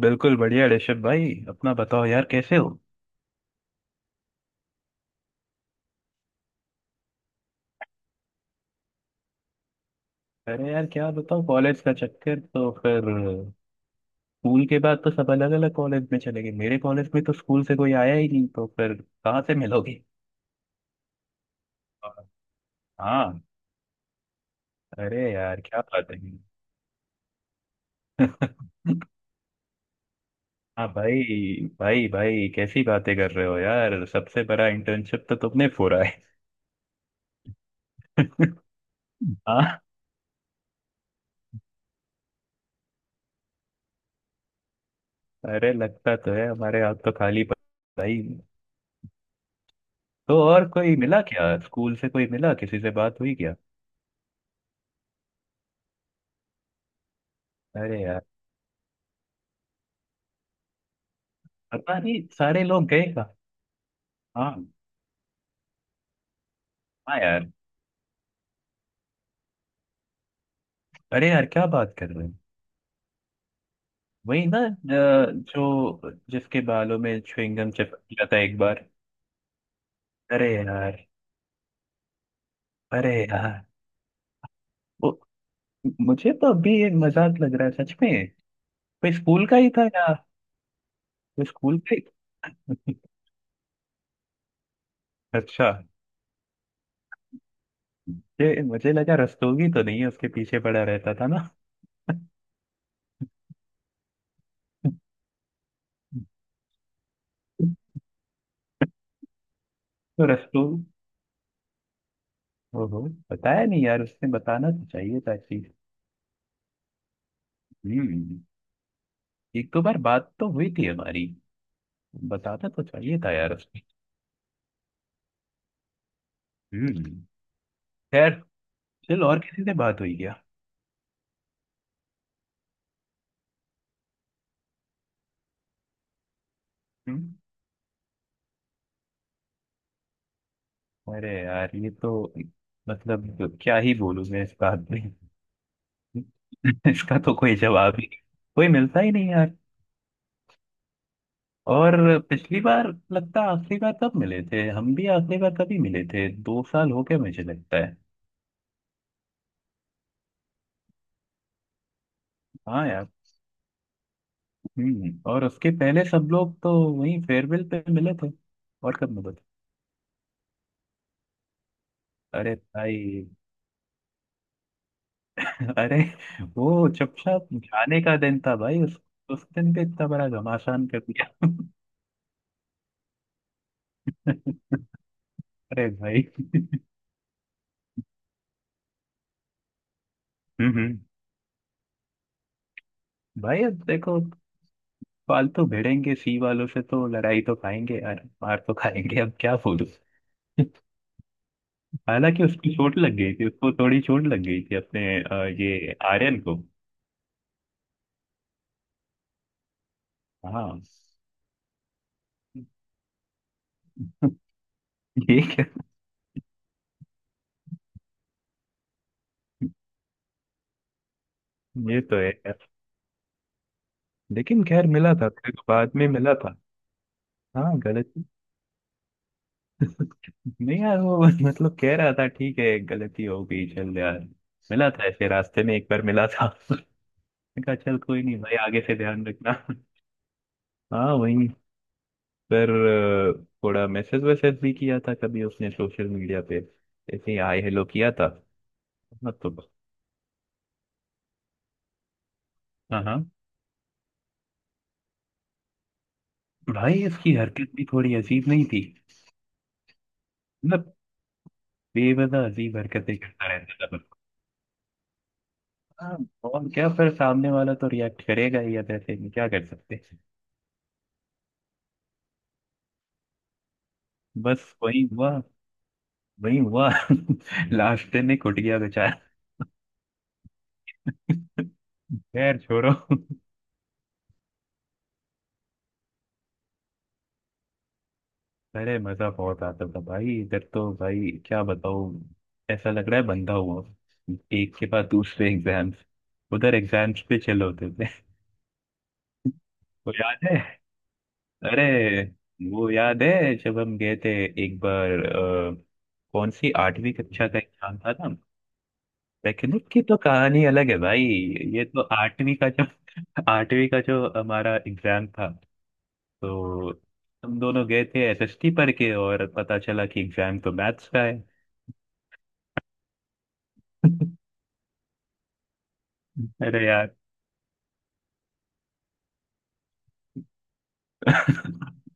बिल्कुल बढ़िया ऋषभ भाई। अपना बताओ यार, कैसे हो? अरे यार क्या बताओ, कॉलेज का चक्कर तो फिर। स्कूल के बाद तो सब अलग अलग कॉलेज में चले गए। मेरे कॉलेज में तो स्कूल से कोई आया ही नहीं, तो फिर कहाँ से मिलोगे? हाँ। अरे यार क्या बात है। हाँ भाई भाई भाई, कैसी बातें कर रहे हो यार, सबसे बड़ा इंटर्नशिप तो तुमने फोड़ा है। हाँ। अरे लगता तो है, हमारे हाथ तो खाली पड़े हैं भाई। तो और कोई मिला क्या? स्कूल से कोई मिला? किसी से बात हुई क्या? अरे यार। पता नहीं सारे लोग गए कहाँ। हाँ। हाँ यार। अरे यार क्या बात कर रहे हैं। वही ना, जो जिसके बालों में च्युइंगम चिपक गया था एक बार। अरे यार। अरे यार वो, मुझे तो अभी ये मजाक लग रहा है सच में। वो स्कूल का ही था यार। वो स्कूल का ही। अच्छा। ये मुझे लगा रस्तोगी तो नहीं है, उसके पीछे पड़ा रहता था ना। तो रस्तोगी। ओहो। बताया नहीं यार उसने, बताना तो चाहिए था चीज। हम्म। एक दो बार बात तो हुई थी हमारी। बताता तो चाहिए था यार उसने। हम्म। खैर। चल, और किसी से बात हुई क्या? हम्म। अरे यार ये तो। मतलब क्या ही बोलूं मैं इस बात में। इसका तो कोई जवाब ही। कोई मिलता ही नहीं यार। और। पिछली बार लगता है, आखिरी बार कब मिले थे हम भी? आखिरी बार कभी मिले थे, 2 साल हो गए मुझे लगता है। हाँ यार। हम्म, और उसके पहले सब लोग तो। वहीं फेयरवेल पे मिले थे। और कब मिले थे? अरे भाई। अरे वो चुपचाप जाने का दिन था भाई, उस। उस दिन पे इतना बड़ा घमासान कर दिया। अरे भाई। हम्म हम्म। भाई अब देखो। फालतू भिड़ेंगे सी वालों से तो लड़ाई तो खाएंगे यार, मार तो खाएंगे, अब क्या बोलूं। हालांकि उसकी चोट लग गई थी, उसको थोड़ी चोट लग गई थी अपने, ये आर्यन को। हाँ। ये क्या? ये तो है यार, लेकिन खैर मिला था फिर, बाद में मिला था। हाँ गलत। नहीं यार वो, मतलब कह रहा था ठीक है गलती हो गई, चल यार। मिला था ऐसे रास्ते में एक बार मिला था। मैंने कहा चल कोई नहीं भाई, आगे से ध्यान रखना। हाँ वही। पर। थोड़ा मैसेज वैसेज भी किया था कभी उसने सोशल मीडिया पे। ऐसे ही हाय हेलो किया था। मतलब। हाँ हाँ। भाई इसकी हरकत भी थोड़ी अजीब नहीं थी? मतलब, बेवजह अजीब हरकतें करता रहता था बस। हाँ। और क्या फिर सामने वाला तो रिएक्ट करेगा ही, अब ऐसे में क्या कर सकते हैं। बस वही हुआ। वही हुआ, लास्ट में कुट गया बेचारा। खैर छोड़ो। अरे मजा बहुत आता था भाई, इधर तो भाई क्या बताऊँ। ऐसा लग रहा है बंधा हुआ। एक के बाद दूसरे एग्जाम्स। उधर एग्जाम्स पे चले होते थे। वो याद है? अरे वो याद है जब हम गए थे? एक बार, कौन सी, आठवीं कक्षा का एग्जाम था ना? टेक्निक की तो कहानी अलग है भाई। ये तो आठवीं का जो, आठवीं का जो हमारा एग्जाम था। तो, हम दोनों गए थे एसएसटी पढ़ के, और पता चला कि एग्जाम तो मैथ्स का है। अरे यार।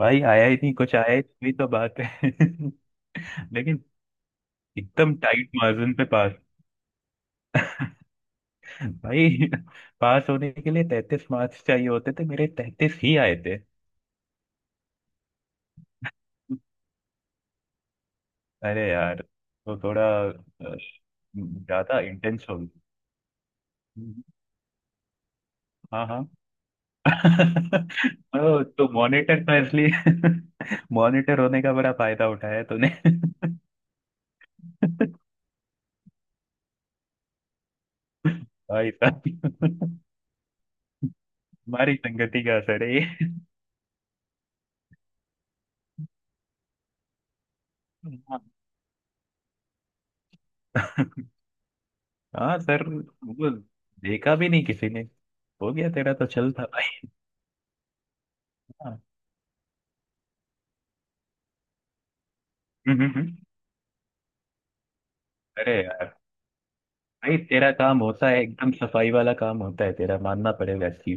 भाई आया ही नहीं, कुछ आया ही नहीं, वही तो बात है। लेकिन एकदम टाइट मार्जिन पे पास। भाई, पास होने के लिए 33 मार्क्स चाहिए होते थे, मेरे 33 ही आए थे। अरे यार। तो थोड़ा अ, ज्यादा इंटेंस हो गया। हाँ हाँ। ओ। तो मॉनिटर तो इसलिए, मॉनिटर होने का बड़ा फायदा उठाया तूने। भाई साहब। हमारी संगति का असर है ये। हाँ हाँ, सर वो, देखा भी नहीं किसी ने। हो गया तेरा तो, चल था भाई। हाँ। हम्म, हम्म, हम्म। अरे यार। भाई तेरा काम होता है एकदम सफाई वाला, काम होता है तेरा, मानना पड़ेगा इसकी।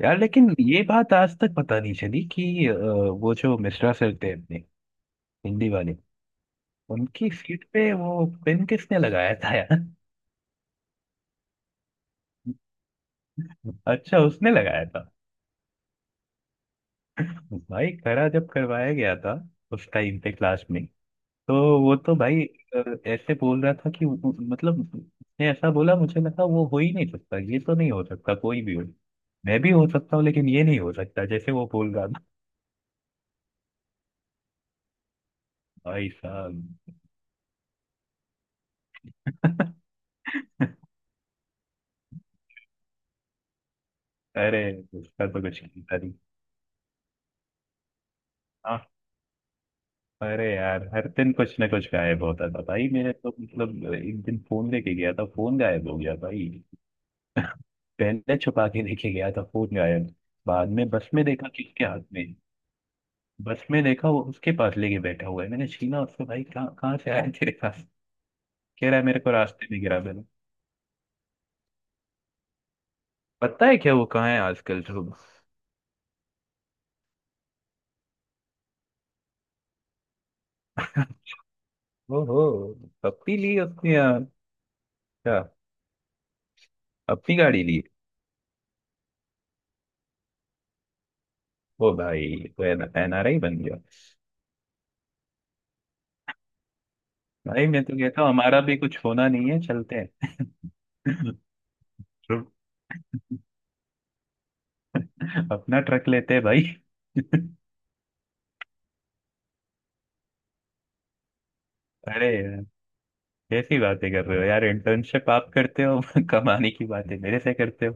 यार लेकिन ये बात आज तक पता नहीं चली कि वो जो मिश्रा सर थे अपने, हिंदी वाले, उनकी सीट पे वो पेन किसने लगाया था यार? अच्छा, उसने लगाया था। भाई खरा जब करवाया गया था, उस टाइम पे क्लास में, तो वो तो भाई ऐसे बोल रहा था कि मतलब उसने ऐसा बोला, मुझे लगा वो हो ही नहीं सकता, ये तो नहीं हो सकता, कोई भी हो। मैं भी हो सकता हूँ लेकिन ये नहीं हो सकता, जैसे वो बोल रहा था। भाई साहब। अरे उसका तो कुछ नहीं था। अरे यार हर दिन कुछ ना कुछ गायब होता था भाई, मेरे तो मतलब, एक दिन फोन लेके गया था, फोन गायब हो गया भाई। पहले छुपा के लेके गया था, फोन गायब। बाद में बस में देखा किसके हाथ में। बस में देखा वो उसके पास लेके बैठा हुआ है, मैंने छीना उसको, भाई कहाँ कहाँ से आया तेरे पास? कह रहा है मेरे को रास्ते में गिरा देना। पता है क्या वो कहाँ है आजकल तो? ओहो। पप्पी ली उसने यार। क्या? अपनी गाड़ी ली। ओ भाई। तो एनआरआई बन गया। भाई मैं तो कहता हूँ हमारा भी कुछ होना नहीं है, चलते हैं। तुम। अपना ट्रक लेते हैं भाई। अरे यार। कैसी बातें कर रहे हो यार, इंटर्नशिप आप करते हो, कमाने की बातें मेरे से करते हो।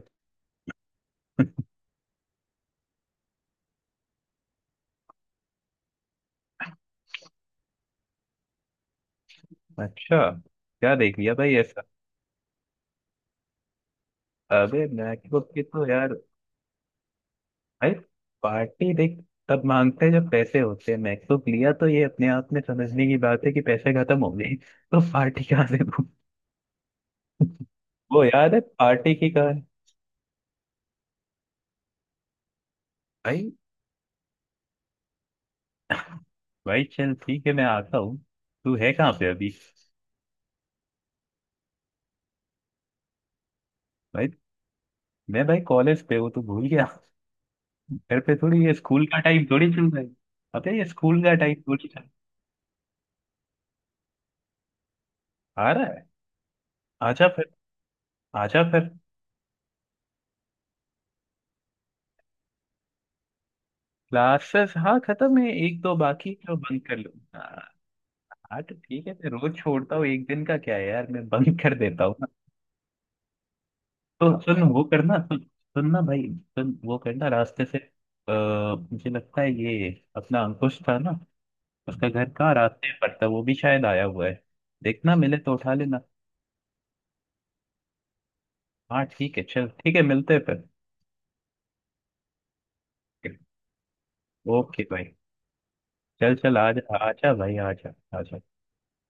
अच्छा। क्या देख लिया भाई ऐसा? अबे मैकबुक की तो यार। भाई पार्टी देख, तब मांगते हैं जब पैसे होते हैं। मैकबुक लिया तो ये अपने आप में समझने की बात है कि पैसे खत्म हो गए, तो पार्टी कहाँ से दूं? वो याद है पार्टी की कहानी? भाई। भाई चल ठीक है, मैं आता हूँ। तू है कहाँ पे अभी? भाई। मैं भाई कॉलेज पे हूँ, तू भूल गया। घर पे थोड़ी, ये स्कूल का टाइम थोड़ी चल रहा है। पता है ये स्कूल का टाइम थोड़ी चल। आ रहा है। आजा फिर। आजा फिर। क्लासेस हाँ खत्म है, एक दो बाकी तो बंद कर लो। हाँ। हाँ, तो ठीक है, मैं रोज छोड़ता हूँ, एक दिन का क्या है यार, मैं बंद कर देता हूँ ना। तो सुन वो करना सुन, सुनना भाई, सुन वो करना रास्ते से, मुझे लगता है ये, अपना अंकुश था ना, उसका घर कहाँ रास्ते पर था, वो भी शायद आया हुआ है। देखना मिले तो उठा लेना। हाँ ठीक है, चल ठीक है, मिलते हैं फिर। ओके भाई। चल चल आ जा, आजा भाई आजा। आजा।